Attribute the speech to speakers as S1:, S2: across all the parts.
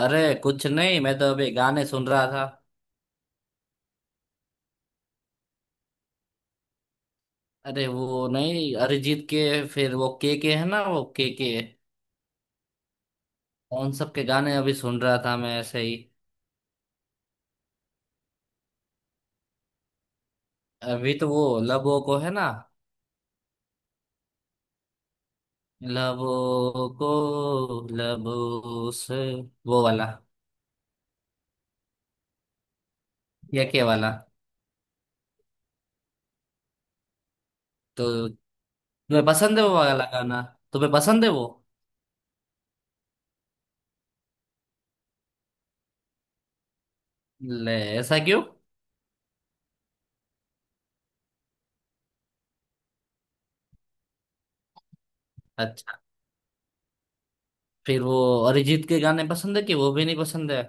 S1: अरे, कुछ नहीं। मैं तो अभी गाने सुन रहा था। अरे वो नहीं, अरिजीत के। फिर वो के है ना, वो के, उन सब के गाने अभी सुन रहा था मैं ऐसे ही। अभी तो वो लबों को है ना, लबों को, लबों से, वो वाला। ये के वाला। तो तुम्हें पसंद है वो वाला गाना? तुम्हें पसंद है वो? ले, ऐसा क्यों? अच्छा, फिर वो अरिजीत के गाने पसंद है कि वो भी नहीं पसंद है?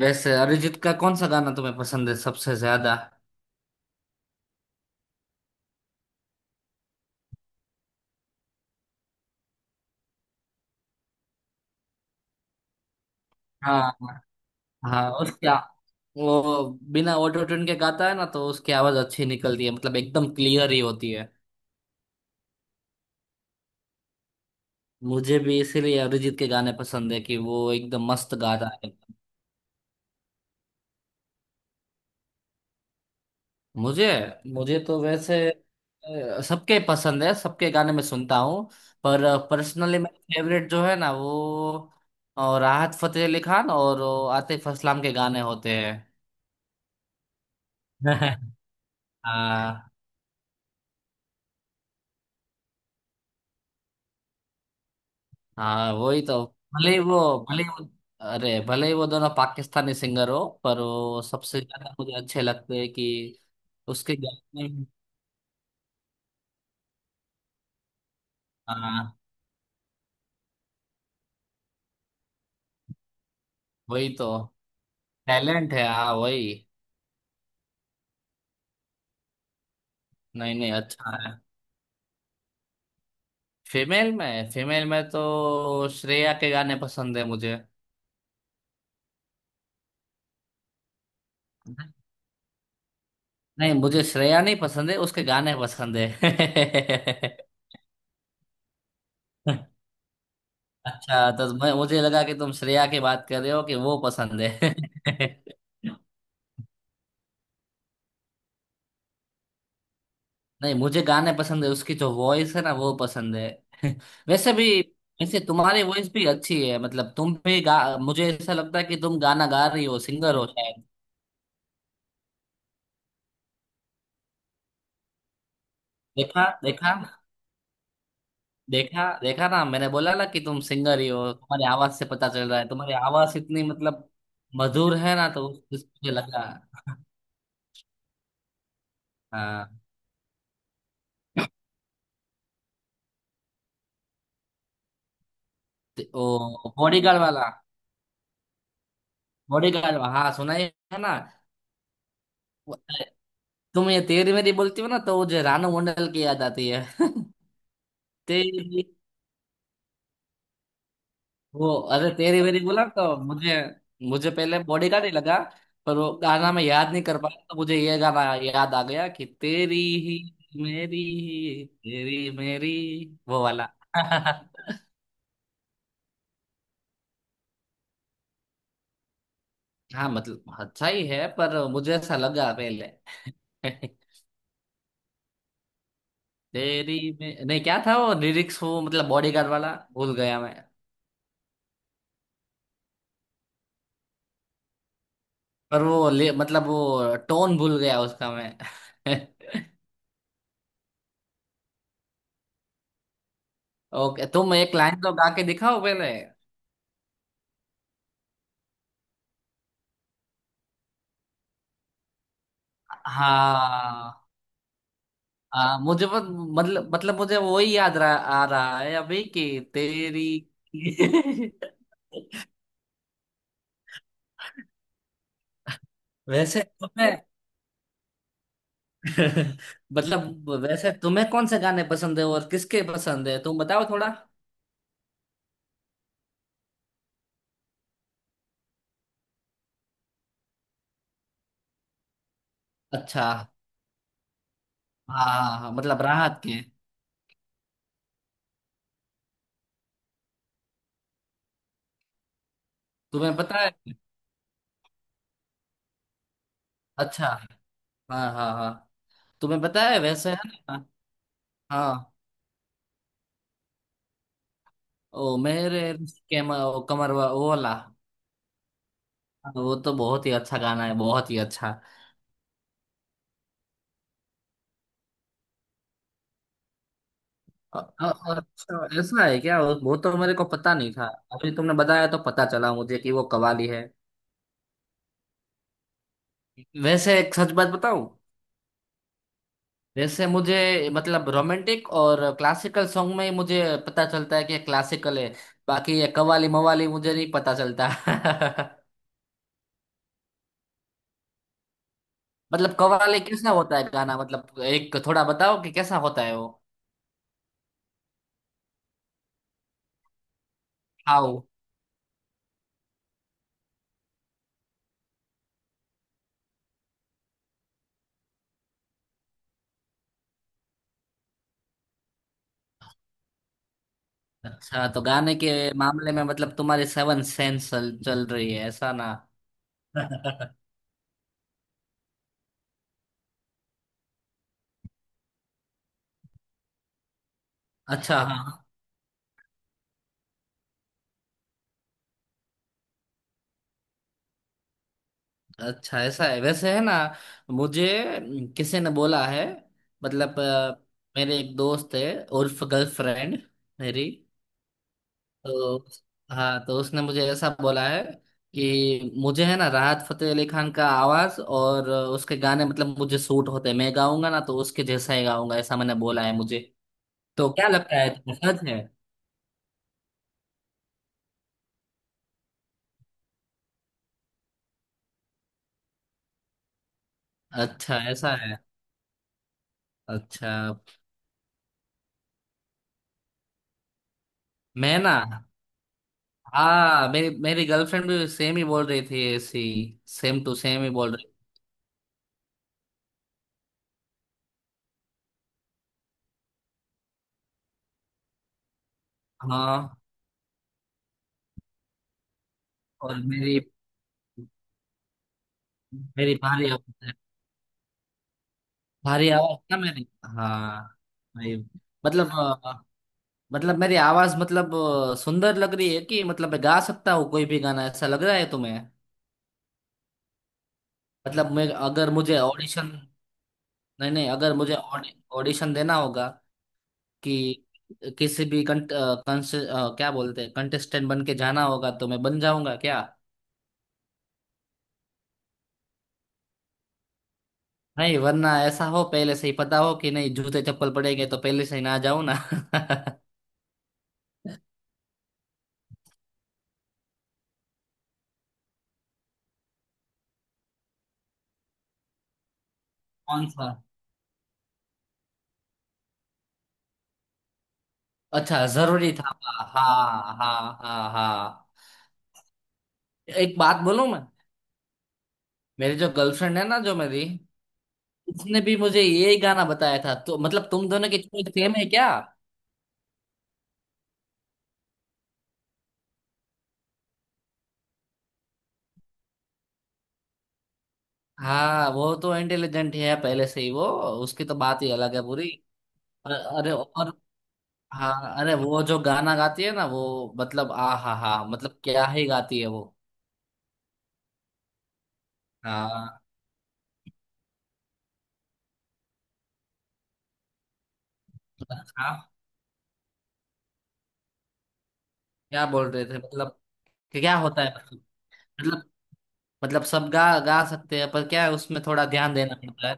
S1: वैसे अरिजीत का कौन सा गाना तुम्हें पसंद है सबसे ज्यादा? हाँ। हाँ उसका वो, बिना ऑटो ट्यून के गाता है ना, तो उसकी आवाज अच्छी निकलती है, मतलब एकदम क्लियर ही होती है। मुझे भी इसीलिए अरिजीत के गाने पसंद है कि वो एकदम मस्त गाता है। मुझे मुझे तो वैसे सबके पसंद है, सबके गाने मैं सुनता हूँ। पर पर्सनली मेरा फेवरेट जो है ना वो, राहत फतेह अली खान और वो आतिफ असलाम के गाने होते हैं। हाँ हाँ, वही तो। भले ही वो भले ही वो अरे, भले ही वो दोनों पाकिस्तानी सिंगर हो, पर वो सबसे ज्यादा मुझे अच्छे लगते हैं कि उसके गाने में। हाँ वही तो। टैलेंट है, हाँ वही। नहीं नहीं, अच्छा है। फीमेल में तो श्रेया के गाने पसंद है मुझे। नहीं, मुझे श्रेया नहीं पसंद है, उसके गाने पसंद है। अच्छा, तो मैं मुझे लगा कि तुम श्रेया की बात कर रहे हो कि वो पसंद है। नहीं, मुझे गाने पसंद है उसकी, जो वॉइस है ना, वो पसंद है। वैसे भी। वैसे तुम्हारी वॉइस भी अच्छी है, मतलब तुम भी गा मुझे ऐसा लगता है कि तुम गाना गा रही हो, सिंगर हो शायद। देखा देखा। देखा देखा ना, मैंने बोला ना कि तुम सिंगर ही हो, तुम्हारी आवाज से पता चल रहा है, तुम्हारी आवाज इतनी, मतलब मधुर है ना, तो मुझे लगा। हाँ। ओ, बॉडीगार्ड वाला। बॉडीगार्ड हाँ, सुनाई है ना। वो- तुम ये तेरी मेरी बोलती हो ना तो मुझे रानू मंडल की याद आती है। तेरी वो अरे, तेरी वेरी बोला तो मुझे। मुझे पहले बॉडी का नहीं लगा, पर वो गाना मैं याद नहीं कर पाया तो मुझे ये गाना याद आ गया कि तेरी ही, मेरी ही तेरी मेरी, वो वाला। हाँ मतलब अच्छा ही है, पर मुझे ऐसा लगा पहले। तेरी में नहीं क्या था वो लिरिक्स, वो मतलब बॉडी गार्ड वाला भूल गया मैं। पर वो मतलब वो टोन भूल गया उसका मैं। ओके, तुम एक लाइन तो गा के दिखाओ पहले। हाँ। मुझे बस, मतलब मुझे वही आ रहा है अभी कि तेरी। वैसे तुम्हें। मतलब वैसे तुम्हें कौन से गाने पसंद है और किसके पसंद है, तुम बताओ थोड़ा। अच्छा, हाँ हाँ हाँ, मतलब राहत के। तुम्हें पता है। अच्छा, हाँ हाँ हाँ। तुम्हें पता है वैसे, है ना। हाँ, ओ मेरे रिश्ते के ओ, कमर वो वाला। हाँ, वो तो बहुत ही अच्छा गाना है, बहुत ही अच्छा। अच्छा, ऐसा है क्या? वो तो मेरे को पता नहीं था। अभी तुमने बताया तो पता चला मुझे कि वो कव्वाली है। वैसे एक सच बात बताऊं? वैसे मुझे मतलब रोमांटिक और क्लासिकल सॉन्ग में ही मुझे पता चलता है कि क्लासिकल है। बाकी ये कव्वाली मवाली मुझे नहीं पता चलता। मतलब कव्वाली कैसा होता है गाना, मतलब एक थोड़ा बताओ कि कैसा होता है वो। आओ। अच्छा, तो गाने के मामले में मतलब तुम्हारी सेवन सेंस चल रही है, ऐसा ना? अच्छा हाँ। अच्छा, ऐसा है वैसे, है ना। मुझे किसी ने बोला है, मतलब मेरे एक दोस्त है, उर्फ गर्लफ्रेंड मेरी, तो हाँ, तो उसने मुझे ऐसा बोला है कि मुझे है ना, राहत फतेह अली खान का आवाज और उसके गाने मतलब मुझे सूट होते हैं, मैं गाऊंगा ना तो उसके जैसा ही गाऊंगा, ऐसा मैंने बोला है मुझे। तो क्या लगता है तुम्हें, सच है? अच्छा, ऐसा है। अच्छा। मैं ना, हाँ, मेरी मेरी गर्लफ्रेंड भी सेम ही बोल रही थी ऐसी, सेम टू सेम ही बोल रही। हाँ और मेरी मेरी भारी आवाज है। भारी आवाज ना मेरी, हाँ। भाई, मतलब मतलब मेरी आवाज मतलब सुंदर लग रही है कि मतलब मैं गा सकता हूँ कोई भी गाना, ऐसा लग रहा है तुम्हें? मतलब मैं अगर मुझे ऑडिशन नहीं नहीं, अगर मुझे ऑडिशन देना होगा कि किसी भी कंट, अ, कंस, अ, क्या बोलते हैं, कंटेस्टेंट बन के जाना होगा तो मैं बन जाऊंगा क्या? नहीं, वरना ऐसा हो पहले से ही पता हो कि नहीं, जूते चप्पल पड़ेंगे तो पहले से ही ना जाओ ना। कौन सा? अच्छा, जरूरी था। हाँ हाँ हाँ हाँ। एक बात बोलूं मैं? मेरी जो गर्लफ्रेंड है ना, जो मेरी, उसने भी मुझे यही गाना बताया था, तो मतलब तुम दोनों की चॉइस सेम है क्या? हाँ, वो तो इंटेलिजेंट है पहले से ही वो, उसकी तो बात ही अलग है पूरी। अ- अरे, और हाँ, अरे वो जो गाना गाती है ना वो, मतलब आ हा हा, मतलब क्या ही गाती है वो। हाँ। हाँ, क्या बोल रहे थे, मतलब कि क्या होता है, मतलब सब गा गा सकते हैं, पर क्या है उसमें थोड़ा ध्यान देना पड़ता है।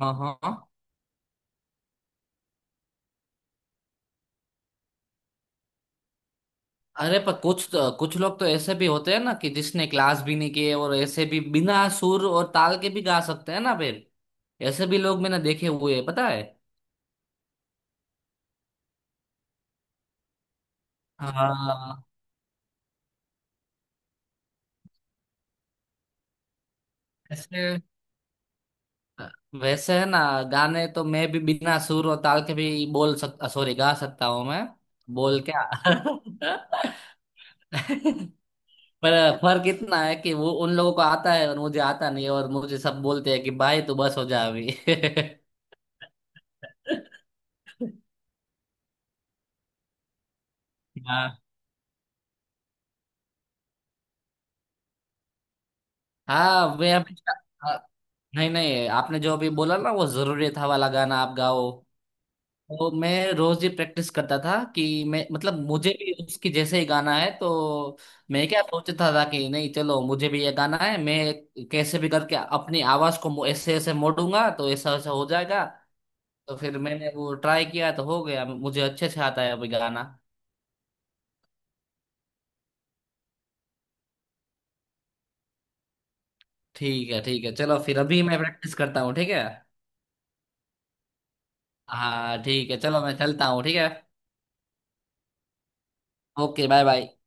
S1: हाँ हाँ हाँ। अरे, पर कुछ लोग तो ऐसे भी होते हैं ना कि जिसने क्लास भी नहीं किए, और ऐसे भी बिना सुर और ताल के भी गा सकते हैं ना फिर, ऐसे भी लोग मैंने देखे हुए हैं, पता है। हाँ। ऐसे, वैसे है ना, गाने तो मैं भी बिना सुर और ताल के भी बोल सकता, सॉरी गा सकता हूँ मैं, बोल क्या। पर फर्क इतना है कि वो उन लोगों को आता है और मुझे आता नहीं है, और मुझे सब बोलते हैं कि भाई तू बस हो जा अभी। हाँ। हाँ मैं अभी, हाँ, नहीं नहीं, आपने जो अभी बोला ना वो जरूरी था वाला गाना आप गाओ, तो मैं रोज ही प्रैक्टिस करता था कि मैं मतलब मुझे भी उसकी जैसे ही गाना है, तो मैं क्या सोचता था कि नहीं चलो मुझे भी ये गाना है, मैं कैसे भी करके अपनी आवाज को ऐसे ऐसे मोड़ूंगा तो ऐसा ऐसा हो जाएगा। तो फिर मैंने वो ट्राई किया तो हो गया, मुझे अच्छे से आता है अभी गाना। ठीक है, ठीक है, चलो फिर अभी मैं प्रैक्टिस करता हूँ, ठीक है? हाँ ठीक है, चलो मैं चलता हूँ, ठीक है। Okay, bye bye.